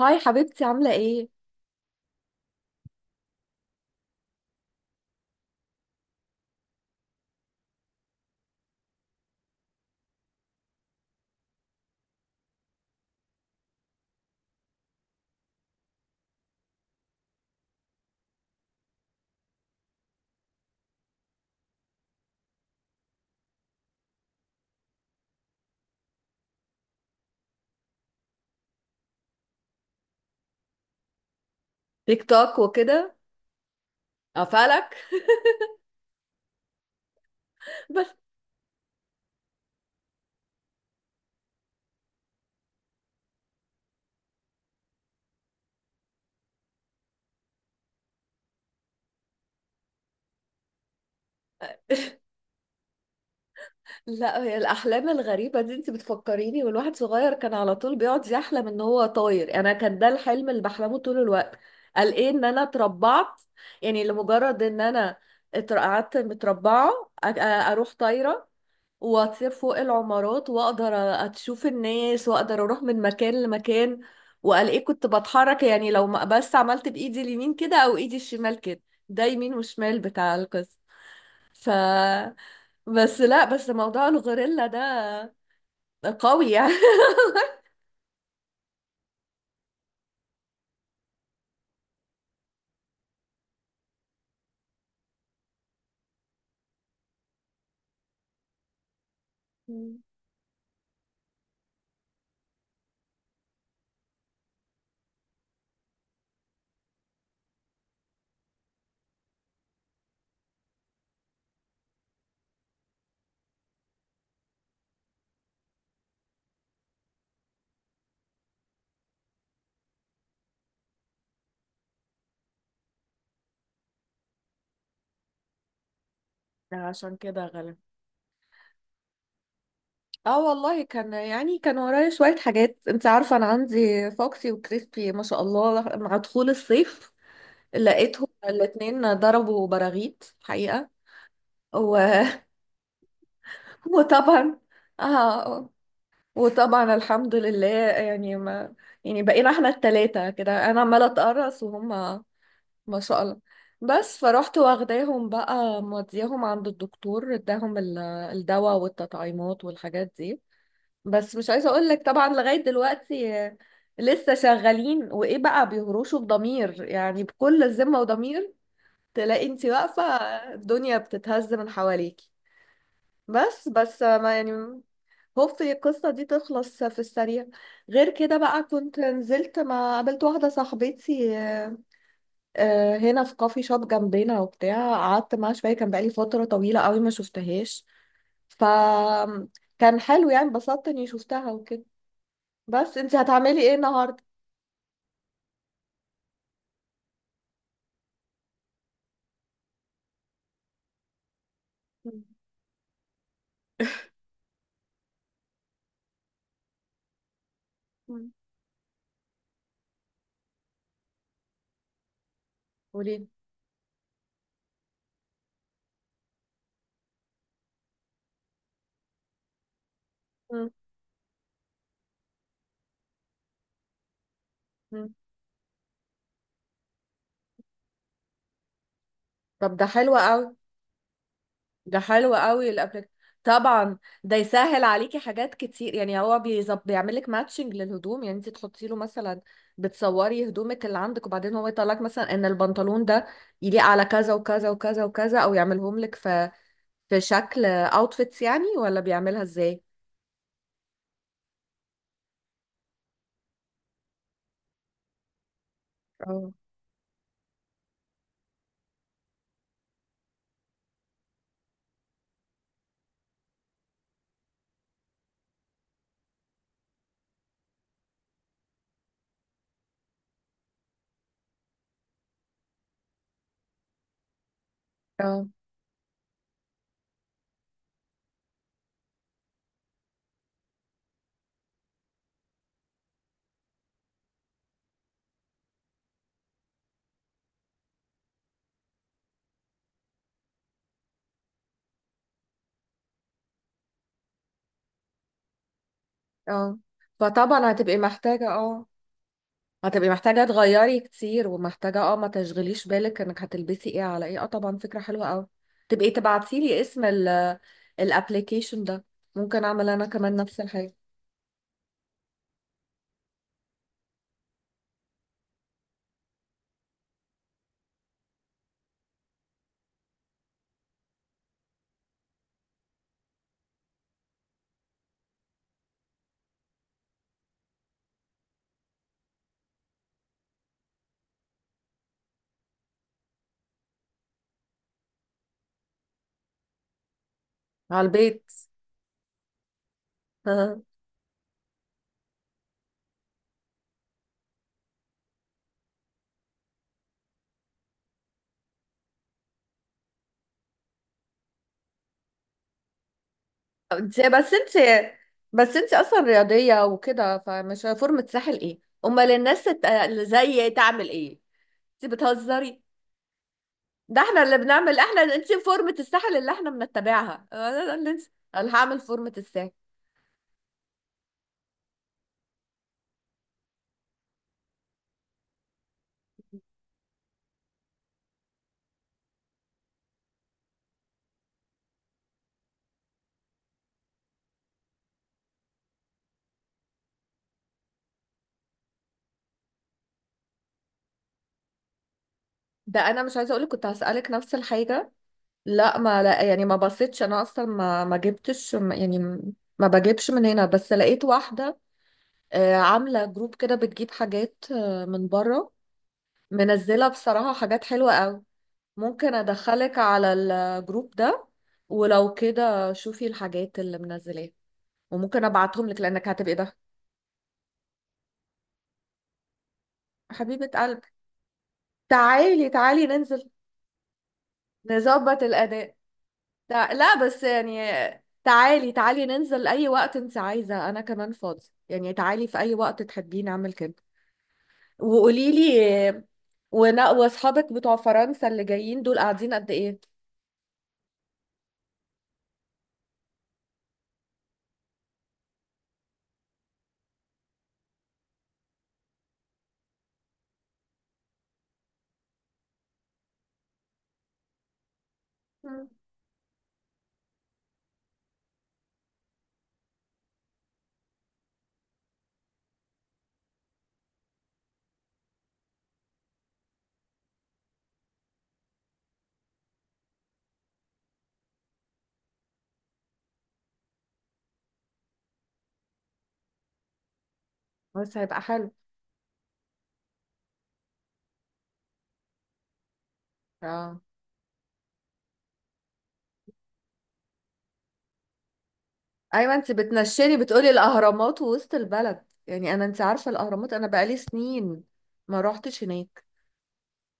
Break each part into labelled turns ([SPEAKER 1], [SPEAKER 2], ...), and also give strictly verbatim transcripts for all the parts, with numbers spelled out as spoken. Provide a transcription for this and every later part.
[SPEAKER 1] هاي حبيبتي، عاملة ايه؟ تيك توك وكده. قفلك. بس لا، هي الأحلام الغريبة دي انت بتفكريني. والواحد صغير كان على طول بيقعد يحلم ان هو طاير، انا كان ده الحلم اللي بحلمه طول الوقت. قال ايه ان انا اتربعت، يعني لمجرد ان انا اتر- قعدت متربعة، أ- أ- اروح طايرة واطير فوق العمارات واقدر اشوف الناس واقدر اروح من مكان لمكان. والاقيه كنت بتحرك، يعني لو ما بس عملت بايدي اليمين كده او ايدي الشمال كده، ده يمين وشمال بتاع القصة. ف بس، لا، بس موضوع الغوريلا ده قوي يعني. مم. عشان كده غلب. اه والله، كان يعني كان ورايا شوية حاجات. انت عارفة انا عندي فوكسي وكريسبي، ما شاء الله، مع دخول الصيف لقيتهم الاتنين ضربوا براغيث حقيقة. و... وطبعا، اه، وطبعا الحمد لله، يعني ما يعني بقينا احنا التلاتة كده، انا عمالة اتقرص وهم، ما شاء الله. بس فروحت واخداهم بقى، مودياهم عند الدكتور اداهم ال- الدواء والتطعيمات والحاجات دي. بس مش عايزة اقول لك، طبعا لغاية دلوقتي آه، لسه شغالين وايه بقى، بيهروشوا بضمير، يعني بكل ذمة وضمير. تلاقي انت واقفة الدنيا بتتهز من حواليكي. بس بس ما يعني هوب القصة دي تخلص في السريع. غير كده بقى، كنت نزلت، ما قابلت واحدة صاحبتي آه، آه، هنا في كافي شوب جنبنا وبتاع. قعدت معاها شوية، كان بقالي فترة طويلة قوي ما شفتهاش. ف كان حلو، يعني انبسطت اني شفتها وكده. بس انت هتعملي ايه النهاردة؟ مم. مم. قولي. مم. مم. طب ده حلو قوي. ده حلو قوي الابليك. طبعا ده يسهل عليكي حاجات كتير، يعني هو بيظب بيعمل لك ماتشنج للهدوم. يعني انت تحطي له مثلا، بتصوري هدومك اللي عندك وبعدين هو يطلع لك مثلا ان البنطلون ده يليق على كذا وكذا وكذا وكذا، او يعملهم لك في في شكل اوتفيتس، يعني ولا بيعملها ازاي؟ اه، اه، اه، فطبعا هتبقي محتاجة. اه، هتبقي محتاجة تغيري كتير ومحتاجة، اه، ما تشغليش بالك انك هتلبسي ايه على ايه. اه، طبعا فكرة حلوة قوي. تبقي تبعتيلي اسم ال الابليكيشن ده. ممكن اعمل انا كمان نفس الحاجة على البيت. ها. انت بس انت بس انت اصلا رياضية وكده، فمش فورمة ساحل ايه؟ امال الناس الت- اللي زي تعمل ايه؟ انت بتهزري. ده احنا اللي بنعمل، احنا انت فورمة الساحل اللي احنا بنتبعها. انا أنا اللي انت انا هعمل فورمة الساحل. ده انا مش عايزه اقولك، كنت هسألك نفس الحاجه. لا، ما لا، يعني ما بصيتش انا اصلا ما ما جبتش ما- يعني ما بجيبش من هنا. بس لقيت واحده آه، عامله جروب كده، بتجيب حاجات آه، من بره. منزله بصراحه حاجات حلوه قوي. ممكن ادخلك على الجروب ده، ولو كده شوفي الحاجات اللي منزلاها، وممكن ابعتهم لك لانك هتبقي ده. حبيبه قلبي، تعالي تعالي ننزل. نظبط الاداء. لا لا، بس يعني تعالي تعالي ننزل اي وقت انت عايزة. انا كمان فاضي، يعني تعالي في اي وقت تحبي نعمل كده. وقولي لي، ونا واصحابك بتوع فرنسا اللي جايين دول قاعدين قد ايه؟ مم. بس هيبقى حلو. اه، ايوه انت بتنشني بتقولي الاهرامات ووسط البلد. يعني انا، انت عارفة الاهرامات انا بقالي سنين ما روحتش هناك.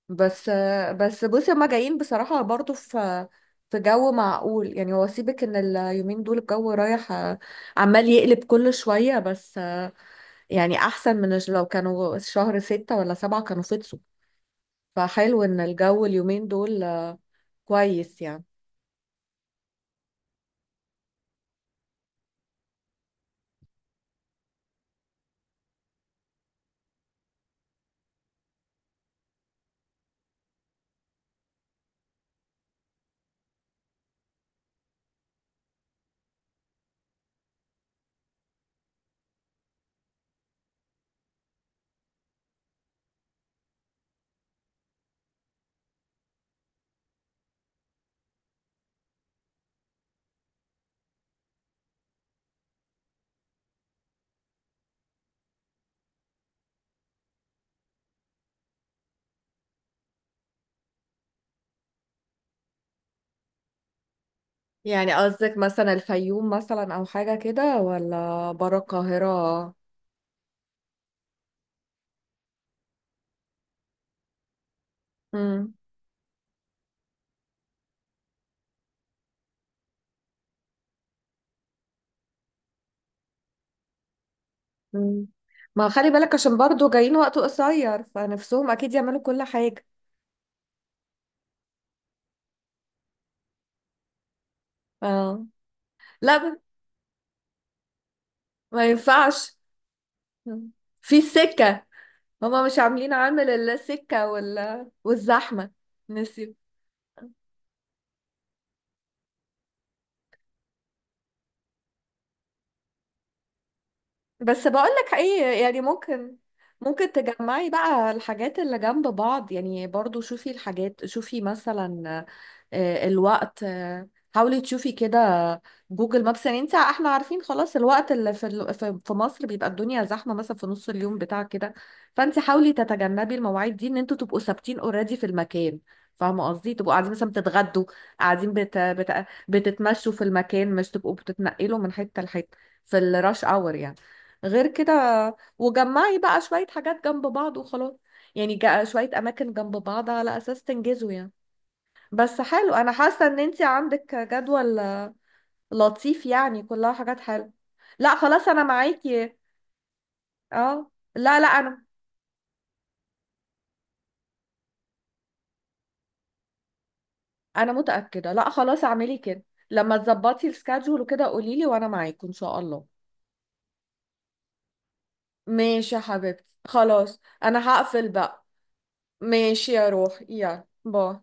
[SPEAKER 1] بس بس بصي، هما جايين بصراحة برضو في في جو معقول، يعني هو سيبك ان اليومين دول الجو رايح آه، عمال يقلب كل شوية. بس آه، يعني احسن من الش- لو كانوا شهر ستة ولا سبعة كانوا فطسوا. فحلو ان الجو اليومين دول آه، كويس يعني. يعني قصدك مثلا الفيوم مثلا او حاجة كده، ولا برا القاهرة؟ مم. مم. ما خلي بالك، عشان برضو جايين وقت قصير فنفسهم اكيد يعملوا كل حاجة. اه، لا، ما ينفعش في سكة، هما مش عاملين عامل الا سكة ولا والزحمة. نسيب. بس بقولك ايه، يعني ممكن ممكن تجمعي بقى الحاجات اللي جنب بعض. يعني برضو شوفي الحاجات، شوفي مثلا آه، الوقت، آه، حاولي تشوفي كده جوجل مابس. يعني انت، احنا عارفين خلاص الوقت اللي في ال- في في مصر بيبقى الدنيا زحمة، مثلا في نص اليوم بتاع كده. فانت حاولي تتجنبي المواعيد دي، ان انتوا تبقوا ثابتين اوريدي في المكان. فاهمة قصدي، تبقوا قاعدين مثلا بتتغدوا، قاعدين بت... بت... بتتمشوا في المكان، مش تبقوا بتتنقلوا من حتة لحتة في الراش اور يعني. غير كده، وجمعي بقى شوية حاجات جنب بعض وخلاص. يعني جا- شوية أماكن جنب بعض على أساس تنجزوا يعني. بس حلو، أنا حاسة إن أنتي عندك جدول لطيف، يعني كلها حاجات حلوة. لا خلاص أنا معاكي. اه، لا لا، أنا أنا متأكدة، لا خلاص اعملي كده. لما تظبطي السكادجول وكده قوليلي، وأنا معاكي إن شاء الله. ماشي يا حبيبتي، خلاص أنا هقفل بقى. ماشي يا روحي، يلا باي.